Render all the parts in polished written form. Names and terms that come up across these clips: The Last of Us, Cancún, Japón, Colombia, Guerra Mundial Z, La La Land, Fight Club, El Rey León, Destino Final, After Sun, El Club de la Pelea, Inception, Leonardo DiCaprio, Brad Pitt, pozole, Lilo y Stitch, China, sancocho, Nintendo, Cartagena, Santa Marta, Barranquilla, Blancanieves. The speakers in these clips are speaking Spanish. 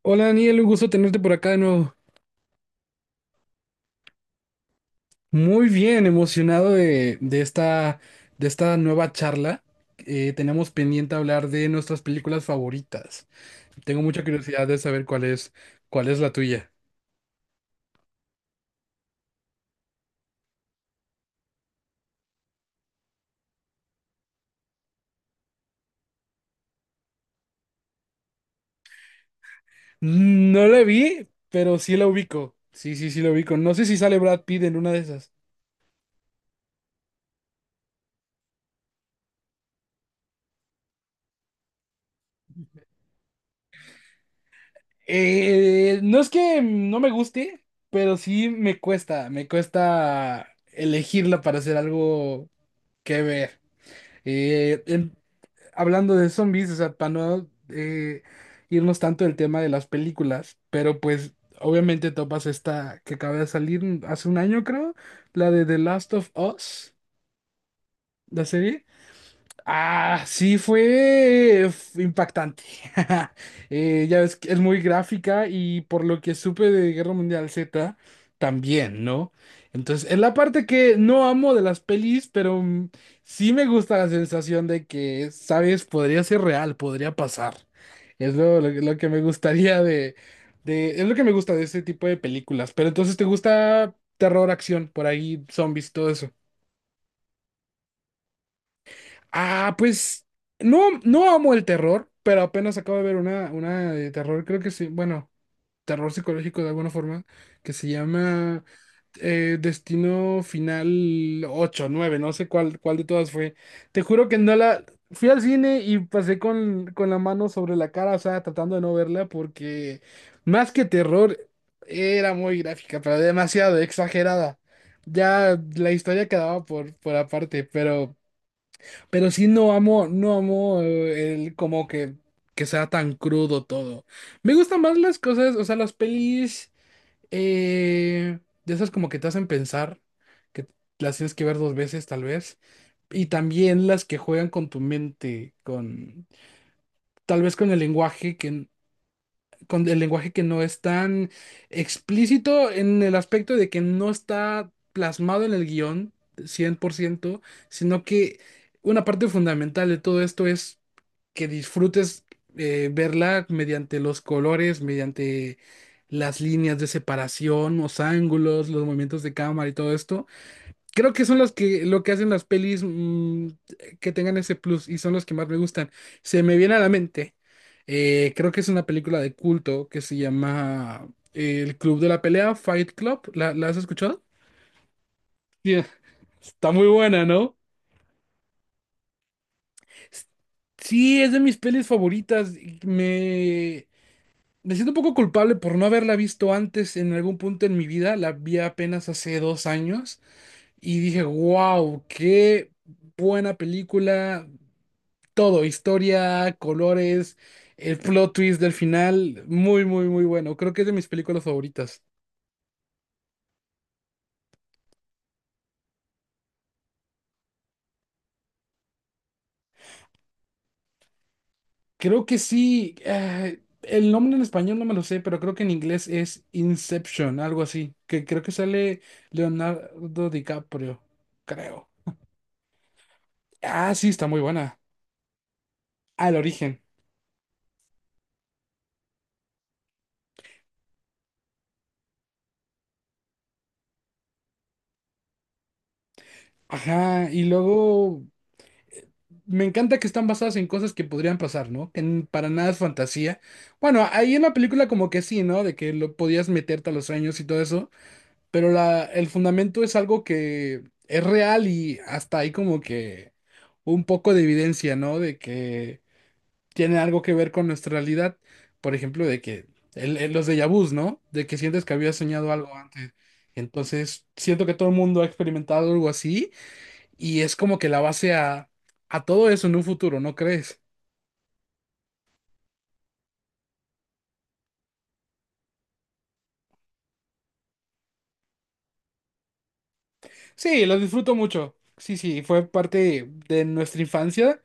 Hola, Daniel, un gusto tenerte por acá de nuevo. Muy bien, emocionado de esta nueva charla. Tenemos pendiente hablar de nuestras películas favoritas. Tengo mucha curiosidad de saber cuál es la tuya. No la vi, pero sí la ubico. Sí, sí, sí la ubico. No sé si sale Brad Pitt en una de esas. No es que no me guste, pero sí me cuesta elegirla para hacer algo que ver. Eh, em- Hablando de zombies, o sea, para no irnos tanto del tema de las películas, pero pues obviamente topas esta que acaba de salir hace un año, creo, la de The Last of Us, la serie. Ah, sí, fue impactante. Ya ves que es muy gráfica y por lo que supe de Guerra Mundial Z también, ¿no? Entonces, es la parte que no amo de las pelis, pero sí me gusta la sensación de que, ¿sabes? Podría ser real, podría pasar. Es lo que me gustaría de. Es lo que me gusta de ese tipo de películas. Pero entonces, ¿te gusta terror, acción, por ahí, zombies, todo? Ah, pues no amo el terror, pero apenas acabo de ver una de terror, creo que sí, bueno, terror psicológico de alguna forma, que se llama Destino Final ocho, nueve, no sé cuál de todas fue. Te juro que no la... Fui al cine y pasé con la mano sobre la cara, o sea, tratando de no verla porque más que terror era muy gráfica, pero demasiado exagerada. Ya la historia quedaba por aparte, pero... Pero sí no amo el como que sea tan crudo todo. Me gustan más las cosas, o sea, las pelis de esas como que te hacen pensar, que las tienes que ver dos veces tal vez. Y también las que juegan con tu mente, con, tal vez, con el lenguaje que no es tan explícito en el aspecto de que no está plasmado en el guión 100%, sino que una parte fundamental de todo esto es que disfrutes verla mediante los colores, mediante las líneas de separación, los ángulos, los movimientos de cámara y todo esto. Creo que son los que lo que hacen las pelis que tengan ese plus y son los que más me gustan. Se me viene a la mente. Creo que es una película de culto que se llama El Club de la Pelea, Fight Club. ¿La has escuchado? Sí. Está muy buena, ¿no? S- Sí, es de mis pelis favoritas. Y me siento un poco culpable por no haberla visto antes en algún punto en mi vida. La vi apenas hace 2 años y dije, wow, qué buena película. Todo, historia, colores, el plot twist del final, muy, muy, muy bueno. Creo que es de mis películas favoritas. Creo que sí, el nombre en español no me lo sé, pero creo que en inglés es Inception, algo así, que creo que sale Leonardo DiCaprio, creo. Ah, sí, está muy buena. Al origen. Ajá, y luego me encanta que están basadas en cosas que podrían pasar, ¿no? Que para nada es fantasía. Bueno, ahí en la película como que sí, ¿no? De que lo podías meterte a los sueños y todo eso, pero el fundamento es algo que es real y hasta hay como que un poco de evidencia, ¿no? De que tiene algo que ver con nuestra realidad. Por ejemplo, de que los déjà vus, ¿no? De que sientes que habías soñado algo antes. Entonces, siento que todo el mundo ha experimentado algo así y es como que la base a todo eso en un futuro, ¿no crees? Sí, lo disfruto mucho. Sí, sí, fue parte de nuestra infancia,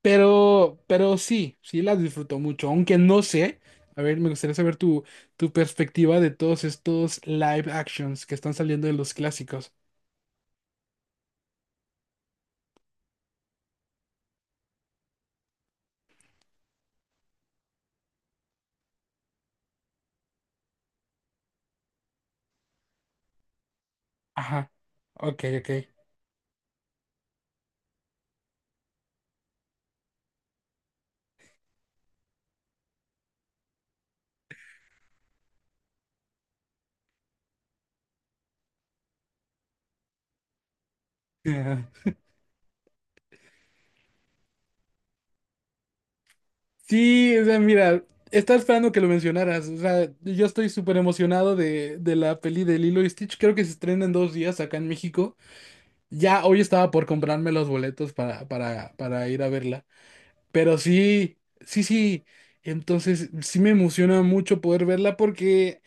pero sí, sí las disfruto mucho, aunque no sé. A ver, me gustaría saber tu perspectiva de todos estos live actions que están saliendo de los clásicos. Ajá. Ok, ok. Ajá. Sí, o sea, mira, estaba esperando que lo mencionaras. O sea, yo estoy súper emocionado de la peli de Lilo y Stitch. Creo que se estrena en 2 días acá en México. Ya hoy estaba por comprarme los boletos para ir a verla. Pero sí, sí, sí. Entonces sí me emociona mucho poder verla porque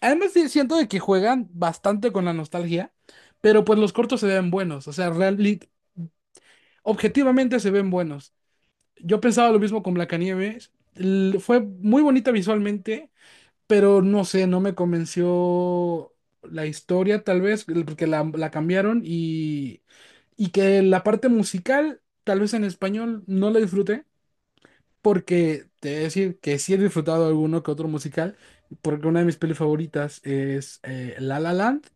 además sí siento de que juegan bastante con la nostalgia, pero pues los cortos se ven buenos. O sea, realmente, objetivamente se ven buenos. Yo pensaba lo mismo con Blancanieves. Fue muy bonita visualmente, pero no sé, no me convenció la historia, tal vez, porque la cambiaron y que la parte musical, tal vez en español, no la disfruté, porque te voy a decir que sí he disfrutado alguno que otro musical, porque una de mis pelis favoritas es La La Land,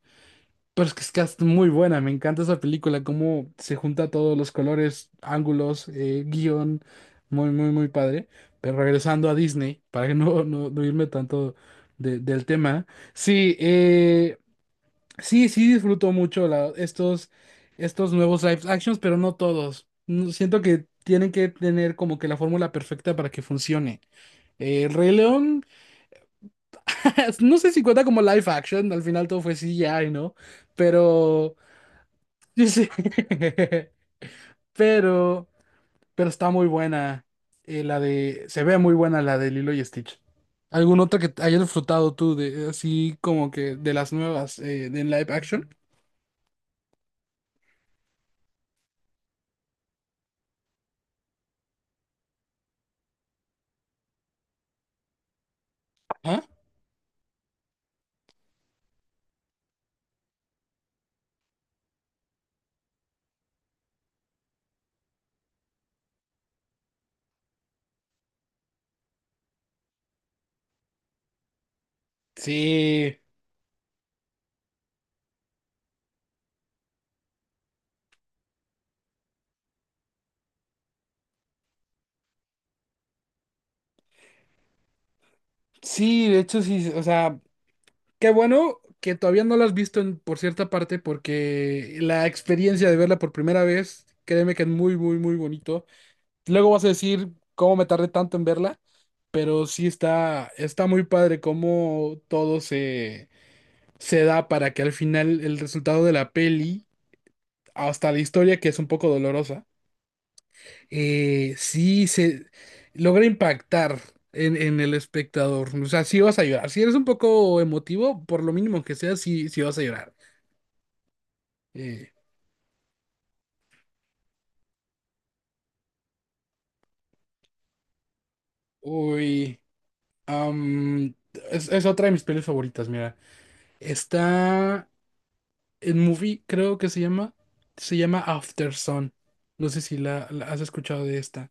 pero es que es muy buena, me encanta esa película, cómo se junta todos los colores, ángulos, guión, muy, muy, muy padre. Pero regresando a Disney, para que no irme tanto del tema. Sí, sí sí disfruto mucho estos nuevos live actions, pero no todos. Siento que tienen que tener como que la fórmula perfecta para que funcione. El Rey León, no sé si cuenta como live action, al final todo fue CGI, ¿no? Pero, yo sé. Pero, pero está muy buena. Se ve muy buena la de Lilo y Stitch. ¿Algún otro que hayas disfrutado tú, así como que de las nuevas de live action? Ajá. Sí. Sí, de hecho sí, o sea, qué bueno que todavía no la has visto por cierta parte porque la experiencia de verla por primera vez, créeme que es muy, muy, muy bonito. Luego vas a decir cómo me tardé tanto en verla, pero sí está muy padre cómo todo se da para que al final el resultado de la peli, hasta la historia que es un poco dolorosa. Sí se logra impactar en el espectador. O sea, sí vas a llorar. Si eres un poco emotivo, por lo mínimo que sea, sí, sí vas a llorar. Eh, Uy, am, es otra de mis pelis favoritas, mira. Está en movie, creo que se llama. Se llama After Sun. No sé si la has escuchado de esta.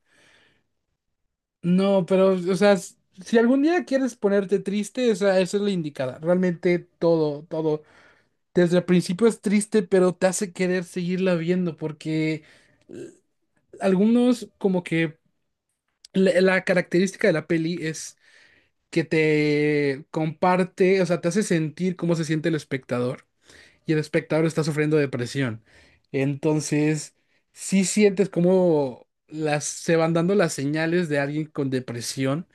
No, pero, o sea, si algún día quieres ponerte triste, esa es la indicada. Realmente todo, todo. Desde el principio es triste, pero te hace querer seguirla viendo porque eh, algunos como que la característica de la peli es que te comparte, o sea, te hace sentir cómo se siente el espectador y el espectador está sufriendo depresión. Entonces, sí sientes cómo se van dando las señales de alguien con depresión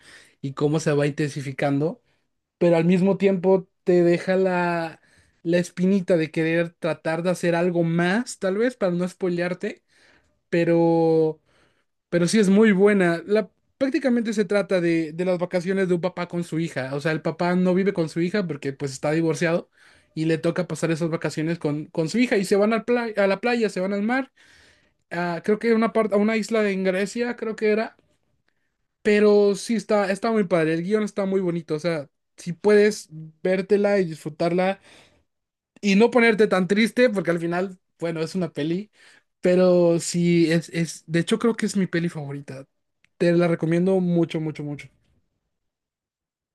y cómo se va intensificando, pero al mismo tiempo te deja la espinita de querer tratar de hacer algo más, tal vez, para no spoilearte, pero, pero, sí es muy buena. Prácticamente se trata de las vacaciones de un papá con su hija, o sea, el papá no vive con su hija porque pues está divorciado. Y le toca pasar esas vacaciones con su hija y se van al a la playa, se van al mar, creo que a una parte, a una isla en Grecia, creo que era, pero sí está muy padre, el guión está muy bonito, o sea, si puedes vértela y disfrutarla y no ponerte tan triste, porque al final, bueno, es una peli, pero sí de hecho creo que es mi peli favorita. Te la recomiendo mucho, mucho, mucho.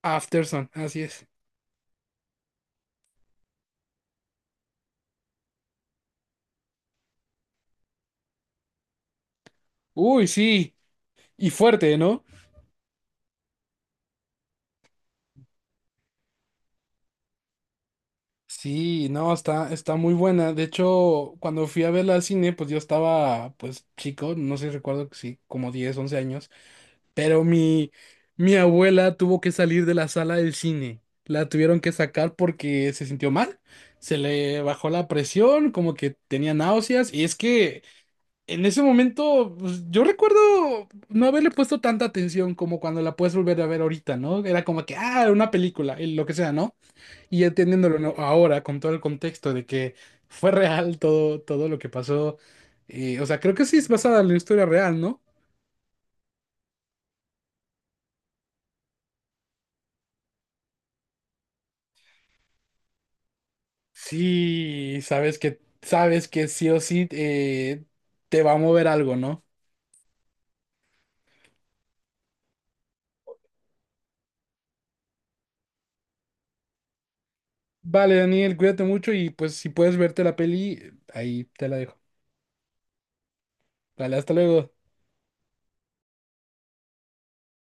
After Sun, así es. Uy, sí, y fuerte, ¿no? Sí, no, está muy buena. De hecho, cuando fui a verla al cine, pues yo estaba, pues chico, no sé, recuerdo que sí, como 10 u 11 años. Pero mi abuela tuvo que salir de la sala del cine. La tuvieron que sacar porque se sintió mal. Se le bajó la presión, como que tenía náuseas. Y es que en ese momento, pues, yo recuerdo no haberle puesto tanta atención como cuando la puedes volver a ver ahorita, ¿no? Era como que, ah, una película, y lo que sea, ¿no? Y entendiéndolo, ¿no?, ahora con todo el contexto de que fue real todo, todo lo que pasó. O sea, creo que sí es basada en la historia real, ¿no? Sí, sabes que sí o sí, te va a mover algo, ¿no? Vale, Daniel, cuídate mucho y pues si puedes verte la peli, ahí te la dejo. Vale, hasta luego.